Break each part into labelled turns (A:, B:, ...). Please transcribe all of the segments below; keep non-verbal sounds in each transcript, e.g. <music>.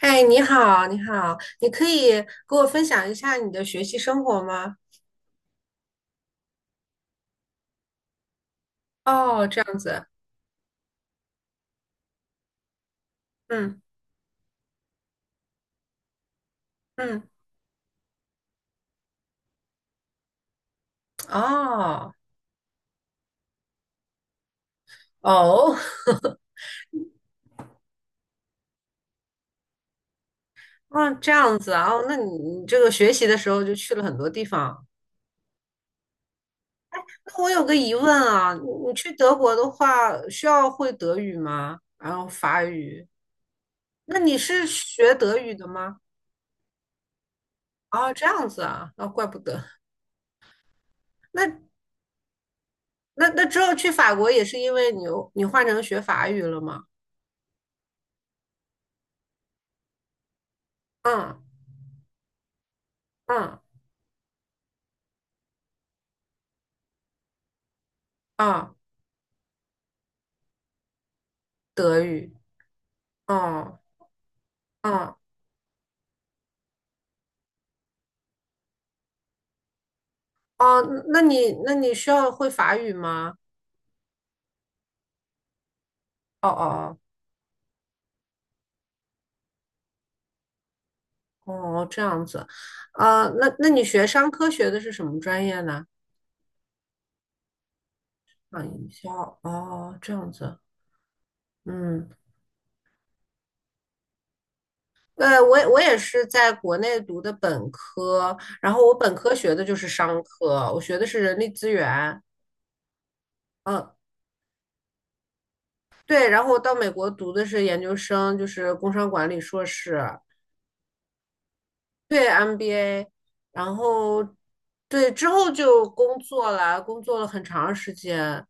A: 哎，你好，你好，你可以给我分享一下你的学习生活吗？哦，这样子。嗯。嗯，哦哦。<laughs> 哦，这样子啊。哦，那你这个学习的时候就去了很多地方。那我有个疑问啊，你去德国的话，需要会德语吗？然后法语？那你是学德语的吗？哦，这样子啊，那、怪不得。那那那之后去法国也是因为你换成学法语了吗？嗯。嗯。啊，德语。哦。哦。哦，那你需要会法语吗？哦哦。哦。哦，这样子。啊，那那你学商科学的是什么专业呢？啊，营销。哦，这样子。嗯，对，我也是在国内读的本科，然后我本科学的就是商科，我学的是人力资源。嗯，对，然后我到美国读的是研究生，就是工商管理硕士，对 MBA。然后对之后就工作了，工作了很长时间。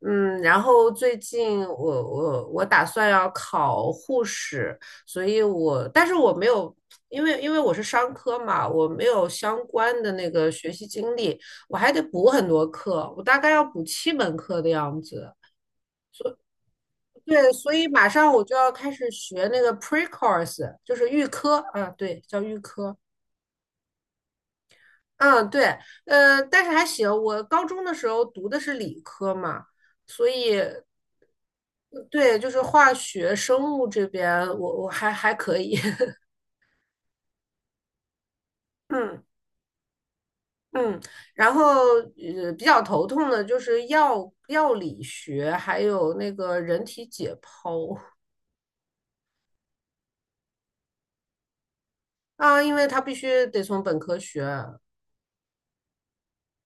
A: 嗯，然后最近我打算要考护士，所以但是我没有，因为我是商科嘛，我没有相关的那个学习经历，我还得补很多课，我大概要补七门课的样子。对，所以马上我就要开始学那个 pre course，就是预科啊，对，叫预科。嗯，对。但是还行。我高中的时候读的是理科嘛，所以对，就是化学、生物这边我还还可以。<laughs> 嗯。嗯，然后比较头痛的就是药理学，还有那个人体解剖啊，因为它必须得从本科学。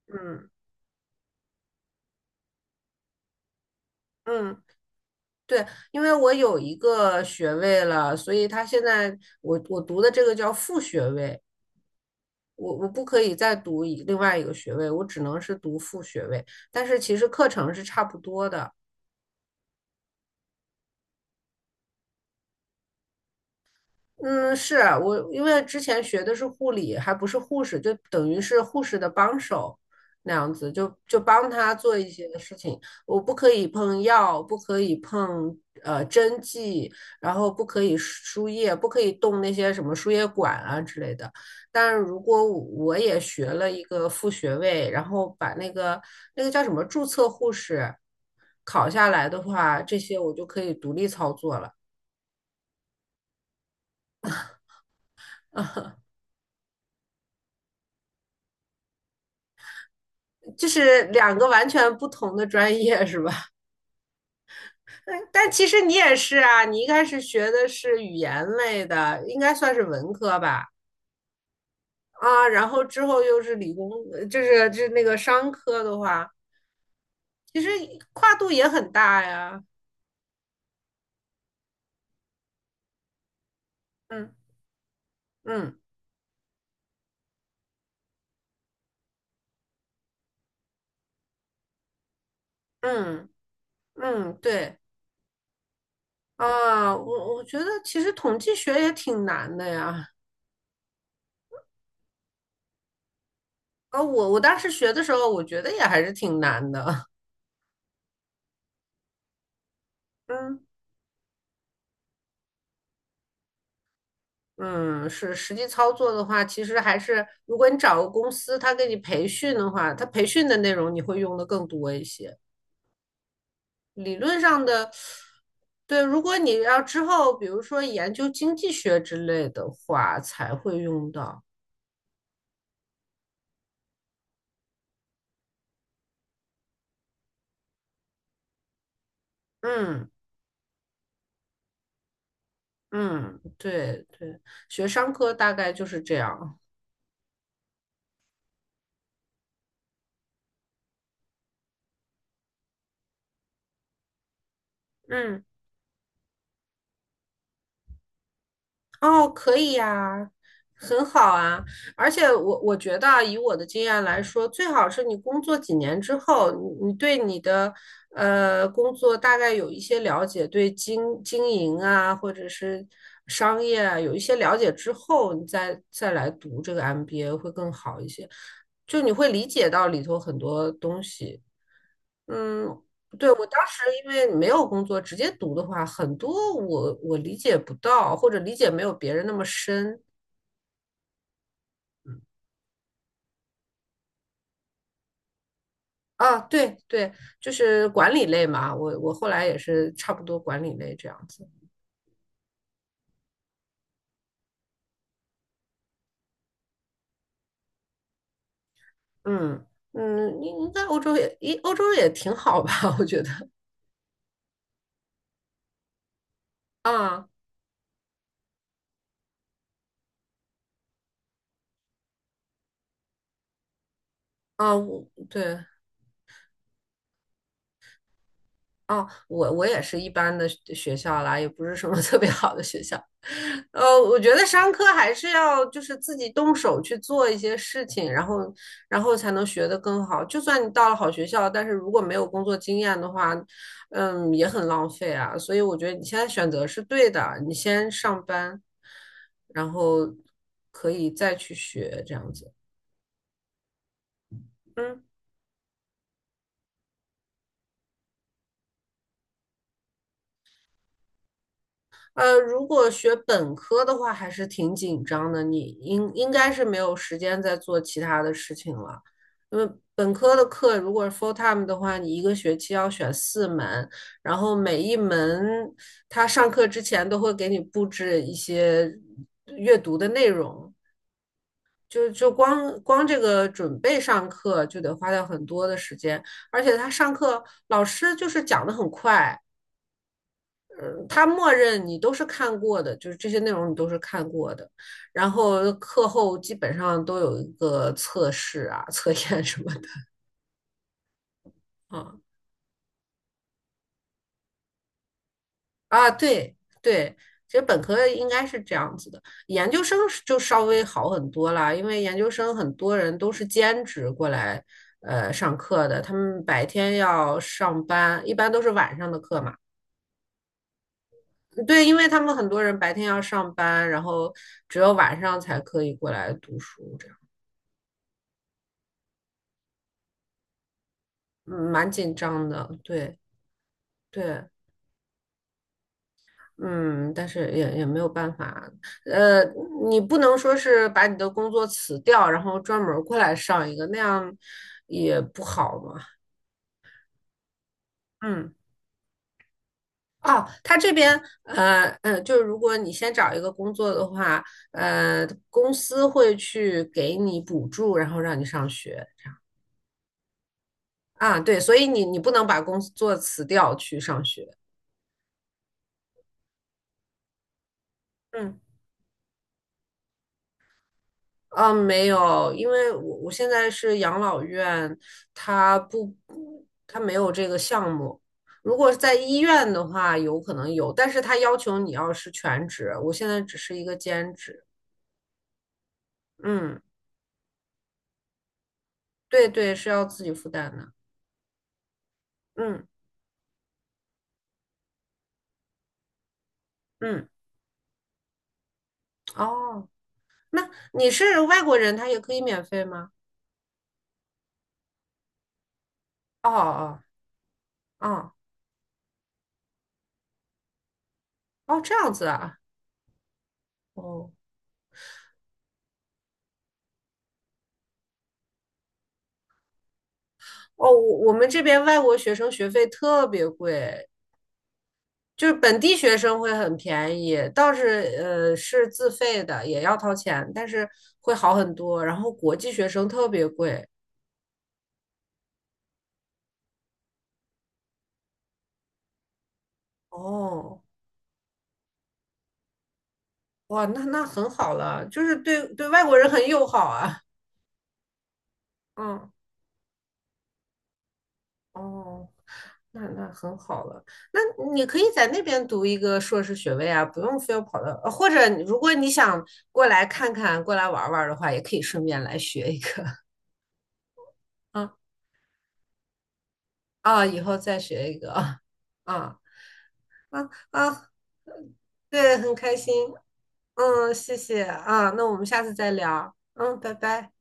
A: 嗯嗯。对，因为我有一个学位了，所以他现在我读的这个叫副学位，我不可以再读一另外一个学位，我只能是读副学位，但是其实课程是差不多的。嗯，是啊我，因为之前学的是护理，还不是护士，就等于是护士的帮手那样子，就帮他做一些事情。我不可以碰药，不可以碰针剂，然后不可以输液，不可以动那些什么输液管啊之类的。但是如果我也学了一个副学位，然后把那个叫什么注册护士考下来的话，这些我就可以独立操作了。就是两个完全不同的专业是吧？但其实你也是啊，你一开始学的是语言类的，应该算是文科吧？啊，然后之后又是理工，就是那个商科的话，其实跨度也很大呀。嗯。嗯嗯嗯，对啊，我觉得其实统计学也挺难的呀。啊，我当时学的时候，我觉得也还是挺难的。<laughs> 嗯。嗯，是实际操作的话，其实还是如果你找个公司，他给你培训的话，他培训的内容你会用的更多一些。理论上的，对，如果你要之后，比如说研究经济学之类的话，才会用到。嗯嗯，对对，学商科大概就是这样。嗯。哦，可以呀，很好啊。而且我觉得啊，以我的经验来说，最好是你工作几年之后，你对你的工作大概有一些了解，对经营啊，或者是商业啊，有一些了解之后，你再来读这个 MBA 会更好一些。就你会理解到里头很多东西。嗯，对，我当时因为没有工作，直接读的话，很多我理解不到，或者理解没有别人那么深啊。对对，就是管理类嘛，我后来也是差不多管理类这样子。嗯嗯。你你在欧洲也，一欧洲也挺好吧？<laughs> 我觉得啊。啊，我对。哦，我也是一般的学校啦，也不是什么 <laughs> 特别好的学校。我觉得商科还是要就是自己动手去做一些事情，然后然后才能学得更好。就算你到了好学校，但是如果没有工作经验的话，嗯，也很浪费啊。所以我觉得你现在选择是对的，你先上班，然后可以再去学这样子。嗯。如果学本科的话，还是挺紧张的。你应该是没有时间再做其他的事情了，因为本科的课如果是 full time 的话，你一个学期要选四门，然后每一门他上课之前都会给你布置一些阅读的内容，就光光这个准备上课就得花掉很多的时间，而且他上课老师就是讲的很快。嗯，他默认你都是看过的，就是这些内容你都是看过的，然后课后基本上都有一个测试啊、测验什么的啊。啊，对对，其实本科应该是这样子的，研究生是就稍微好很多啦，因为研究生很多人都是兼职过来上课的，他们白天要上班，一般都是晚上的课嘛。对，因为他们很多人白天要上班，然后只有晚上才可以过来读书，这样。嗯，蛮紧张的，对对。嗯，但是也没有办法。呃，你不能说是把你的工作辞掉，然后专门儿过来上一个，那样也不好嘛。嗯。哦，他这边，就是如果你先找一个工作的话，公司会去给你补助，然后让你上学啊，对，所以你不能把工作辞掉去上学。嗯。啊，没有，因为我现在是养老院，它不，它没有这个项目。如果是在医院的话，有可能有，但是他要求你要是全职，我现在只是一个兼职。嗯，对对，是要自己负担的。嗯。嗯，哦，那你是外国人，他也可以免费吗？哦。哦哦哦，这样子啊。哦哦。我们这边外国学生学费特别贵，就是本地学生会很便宜，倒是是自费的，也要掏钱，但是会好很多。然后国际学生特别贵。哦，哇，那那很好了，就是对外国人很友好啊。<laughs> 嗯。哦，那那很好了。那你可以在那边读一个硕士学位啊，不用非要跑到，或者你如果你想过来看看、过来玩儿玩儿的话，也可以顺便来学一个。<laughs> 啊。啊，以后再学一个啊。<laughs> 啊。啊。啊，对，很开心。嗯，谢谢啊，那我们下次再聊。嗯，拜拜。